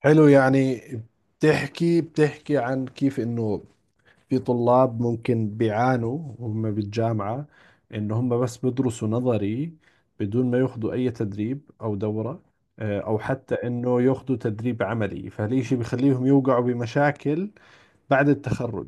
حلو يعني. بتحكي عن كيف انه في طلاب ممكن بيعانوا وهم بالجامعة، إن هم بس بدرسوا نظري بدون ما ياخذوا أي تدريب أو دورة، أو حتى إنه ياخذوا تدريب عملي، فهالشيء بخليهم يوقعوا بمشاكل بعد التخرج.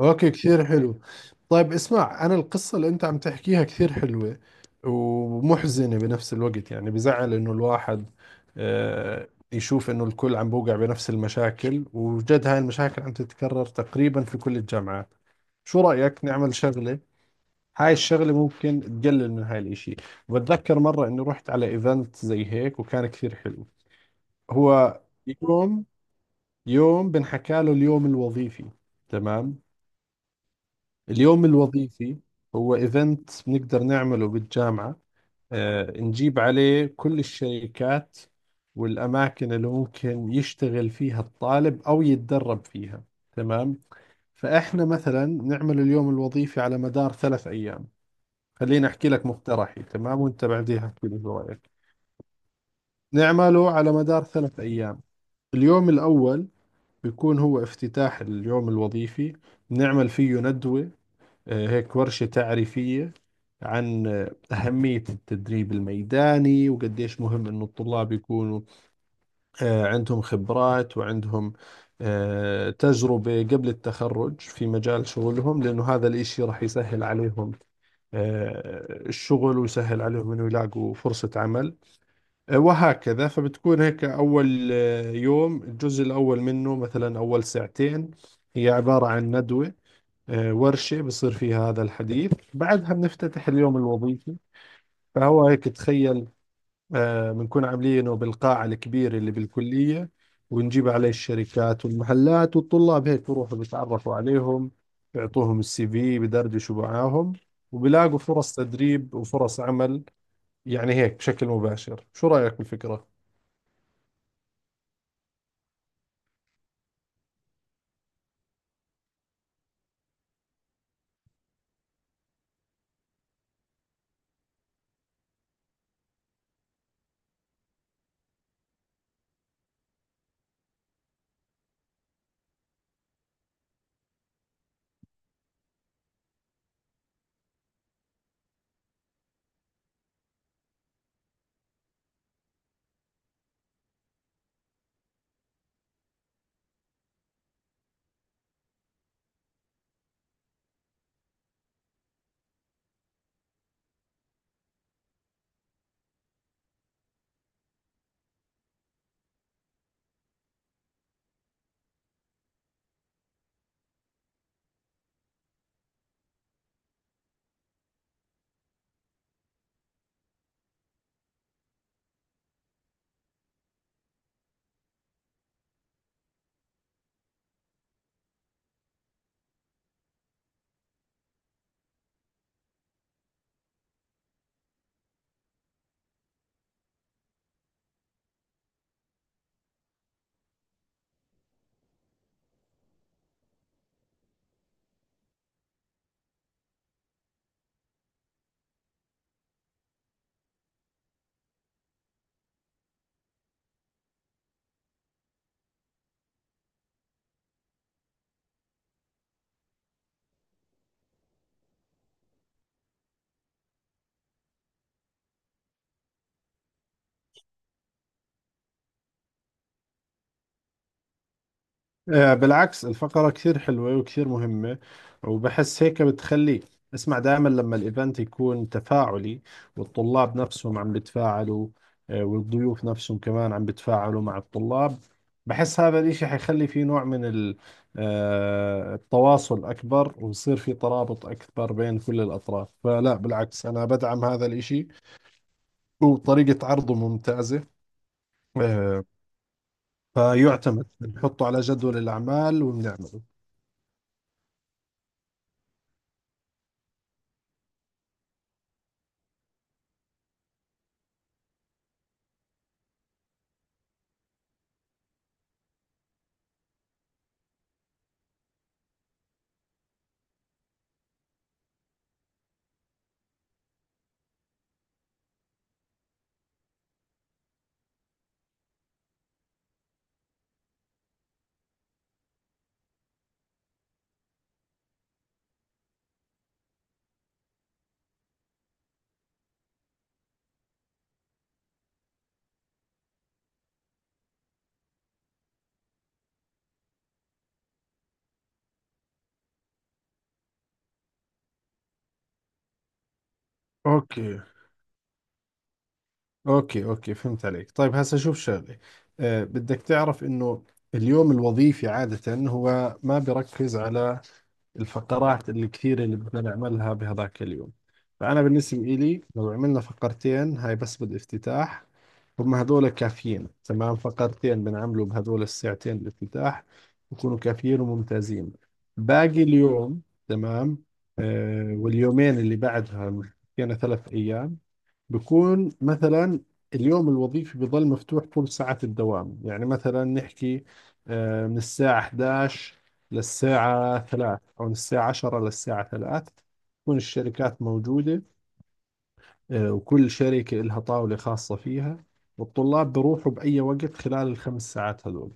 اوكي، كثير حلو. طيب اسمع، انا القصة اللي انت عم تحكيها كثير حلوة ومحزنة بنفس الوقت، يعني بزعل انه الواحد يشوف انه الكل عم بوقع بنفس المشاكل، وجد هاي المشاكل عم تتكرر تقريبا في كل الجامعات. شو رأيك نعمل شغلة؟ هاي الشغلة ممكن تقلل من هاي الاشي. بتذكر مرة اني رحت على ايفنت زي هيك وكان كثير حلو. هو يوم، يوم بنحكى له اليوم الوظيفي، تمام؟ اليوم الوظيفي هو ايفنت بنقدر نعمله بالجامعة، نجيب عليه كل الشركات والأماكن اللي ممكن يشتغل فيها الطالب أو يتدرب فيها، تمام؟ فإحنا مثلا نعمل اليوم الوظيفي على مدار ثلاث أيام. خليني أحكي لك مقترحي تمام، وأنت بعديها احكي لي شو رأيك. نعمله على مدار ثلاث أيام. اليوم الأول بيكون هو افتتاح اليوم الوظيفي، نعمل فيه ندوة، هيك ورشة تعريفية عن أهمية التدريب الميداني وقديش مهم إنه الطلاب يكونوا عندهم خبرات وعندهم تجربة قبل التخرج في مجال شغلهم، لأنه هذا الإشي راح يسهل عليهم الشغل ويسهل عليهم إنه يلاقوا فرصة عمل وهكذا. فبتكون هيك أول يوم، الجزء الأول منه مثلا أول ساعتين هي عبارة عن ندوة، ورشة بصير فيها هذا الحديث، بعدها بنفتتح اليوم الوظيفي. فهو هيك تخيل، بنكون عاملينه بالقاعة الكبيرة اللي بالكلية، ونجيب عليه الشركات والمحلات، والطلاب هيك بروحوا بيتعرفوا عليهم، بيعطوهم السي في، بدردشوا معاهم وبلاقوا فرص تدريب وفرص عمل، يعني هيك بشكل مباشر. شو رأيك بالفكرة؟ بالعكس، الفقرة كثير حلوة وكثير مهمة. وبحس هيك بتخلي، اسمع، دائما لما الايفنت يكون تفاعلي والطلاب نفسهم عم بتفاعلوا والضيوف نفسهم كمان عم بتفاعلوا مع الطلاب، بحس هذا الاشي حيخلي في نوع من التواصل اكبر، ويصير في ترابط اكبر بين كل الاطراف. فلا بالعكس، انا بدعم هذا الاشي وطريقة عرضه ممتازة. آه، فيعتمد بنحطه على جدول الاعمال وبنعمله. اوكي اوكي اوكي، فهمت عليك. طيب هسه شوف شغله، أه، بدك تعرف انه اليوم الوظيفي عادة هو ما بركز على الفقرات اللي كثيرة اللي بدنا نعملها بهذاك اليوم. فأنا بالنسبة إلي لو عملنا فقرتين هاي بس بالافتتاح، هم هذول كافيين، تمام؟ فقرتين بنعمله بهذول الساعتين الافتتاح، بكونوا كافيين وممتازين. باقي اليوم، تمام، أه، واليومين اللي بعدها، يعني ثلاث أيام، بكون مثلا اليوم الوظيفي بظل مفتوح طول ساعة الدوام. يعني مثلا نحكي من الساعة 11 للساعة 3 أو من الساعة 10 للساعة 3. تكون الشركات موجودة، وكل شركة لها طاولة خاصة فيها، والطلاب بروحوا بأي وقت خلال الخمس ساعات هذول.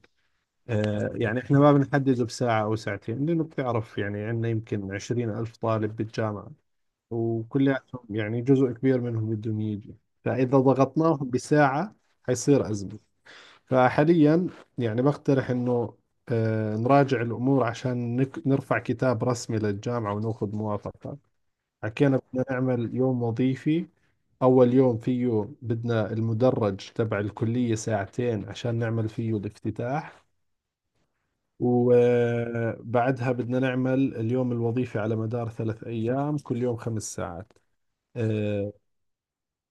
يعني احنا ما بنحدده بساعة أو ساعتين، لأنه بتعرف يعني عندنا يمكن عشرين ألف طالب بالجامعة وكلياتهم، يعني جزء كبير منهم بدهم يجي، فإذا ضغطناهم بساعة حيصير أزمة. فحاليا يعني بقترح إنه نراجع الأمور عشان نرفع كتاب رسمي للجامعة وناخذ موافقة. حكينا بدنا نعمل يوم وظيفي، أول يوم فيه بدنا المدرج تبع الكلية ساعتين عشان نعمل فيه الافتتاح، وبعدها بدنا نعمل اليوم الوظيفي على مدار ثلاث أيام، كل يوم خمس ساعات. آه،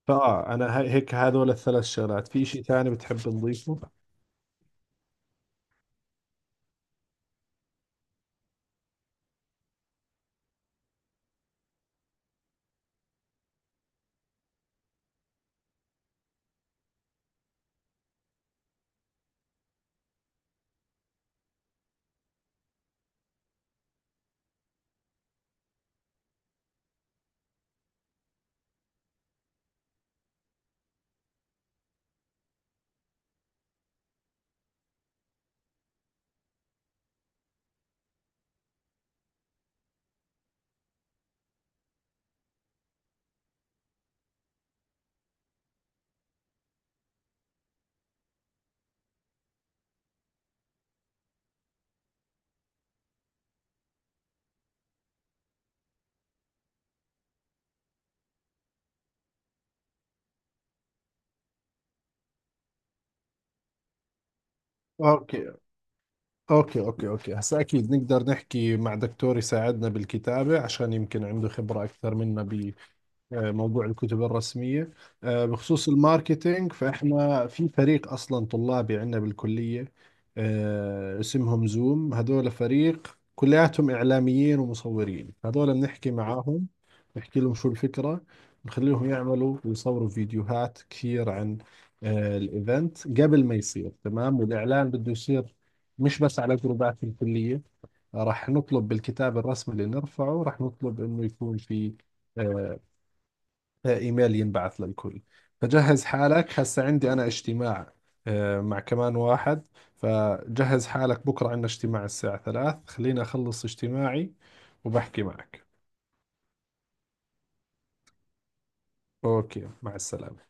فاه انا هيك هذول الثلاث شغلات. في شيء ثاني بتحب نضيفه؟ اوكي اوكي، هسا اكيد نقدر نحكي مع دكتور يساعدنا بالكتابة، عشان يمكن عنده خبرة اكثر منا موضوع الكتب الرسمية. بخصوص الماركتينج، فإحنا في فريق أصلا طلابي عندنا بالكلية، اسمهم زوم. هذول فريق كلياتهم إعلاميين ومصورين، هذول بنحكي معاهم، نحكي لهم شو الفكرة، نخليهم يعملوا ويصوروا فيديوهات كثير عن الإيفنت قبل ما يصير، تمام؟ والإعلان بده يصير مش بس على جروبات الكلية، راح نطلب بالكتاب الرسمي اللي نرفعه، راح نطلب إنه يكون في آه، ايميل ينبعث للكل. فجهز حالك، هسه عندي انا اجتماع مع كمان واحد، فجهز حالك بكرة عندنا اجتماع الساعة ثلاث، خليني اخلص اجتماعي وبحكي معك. اوكي، مع السلامة.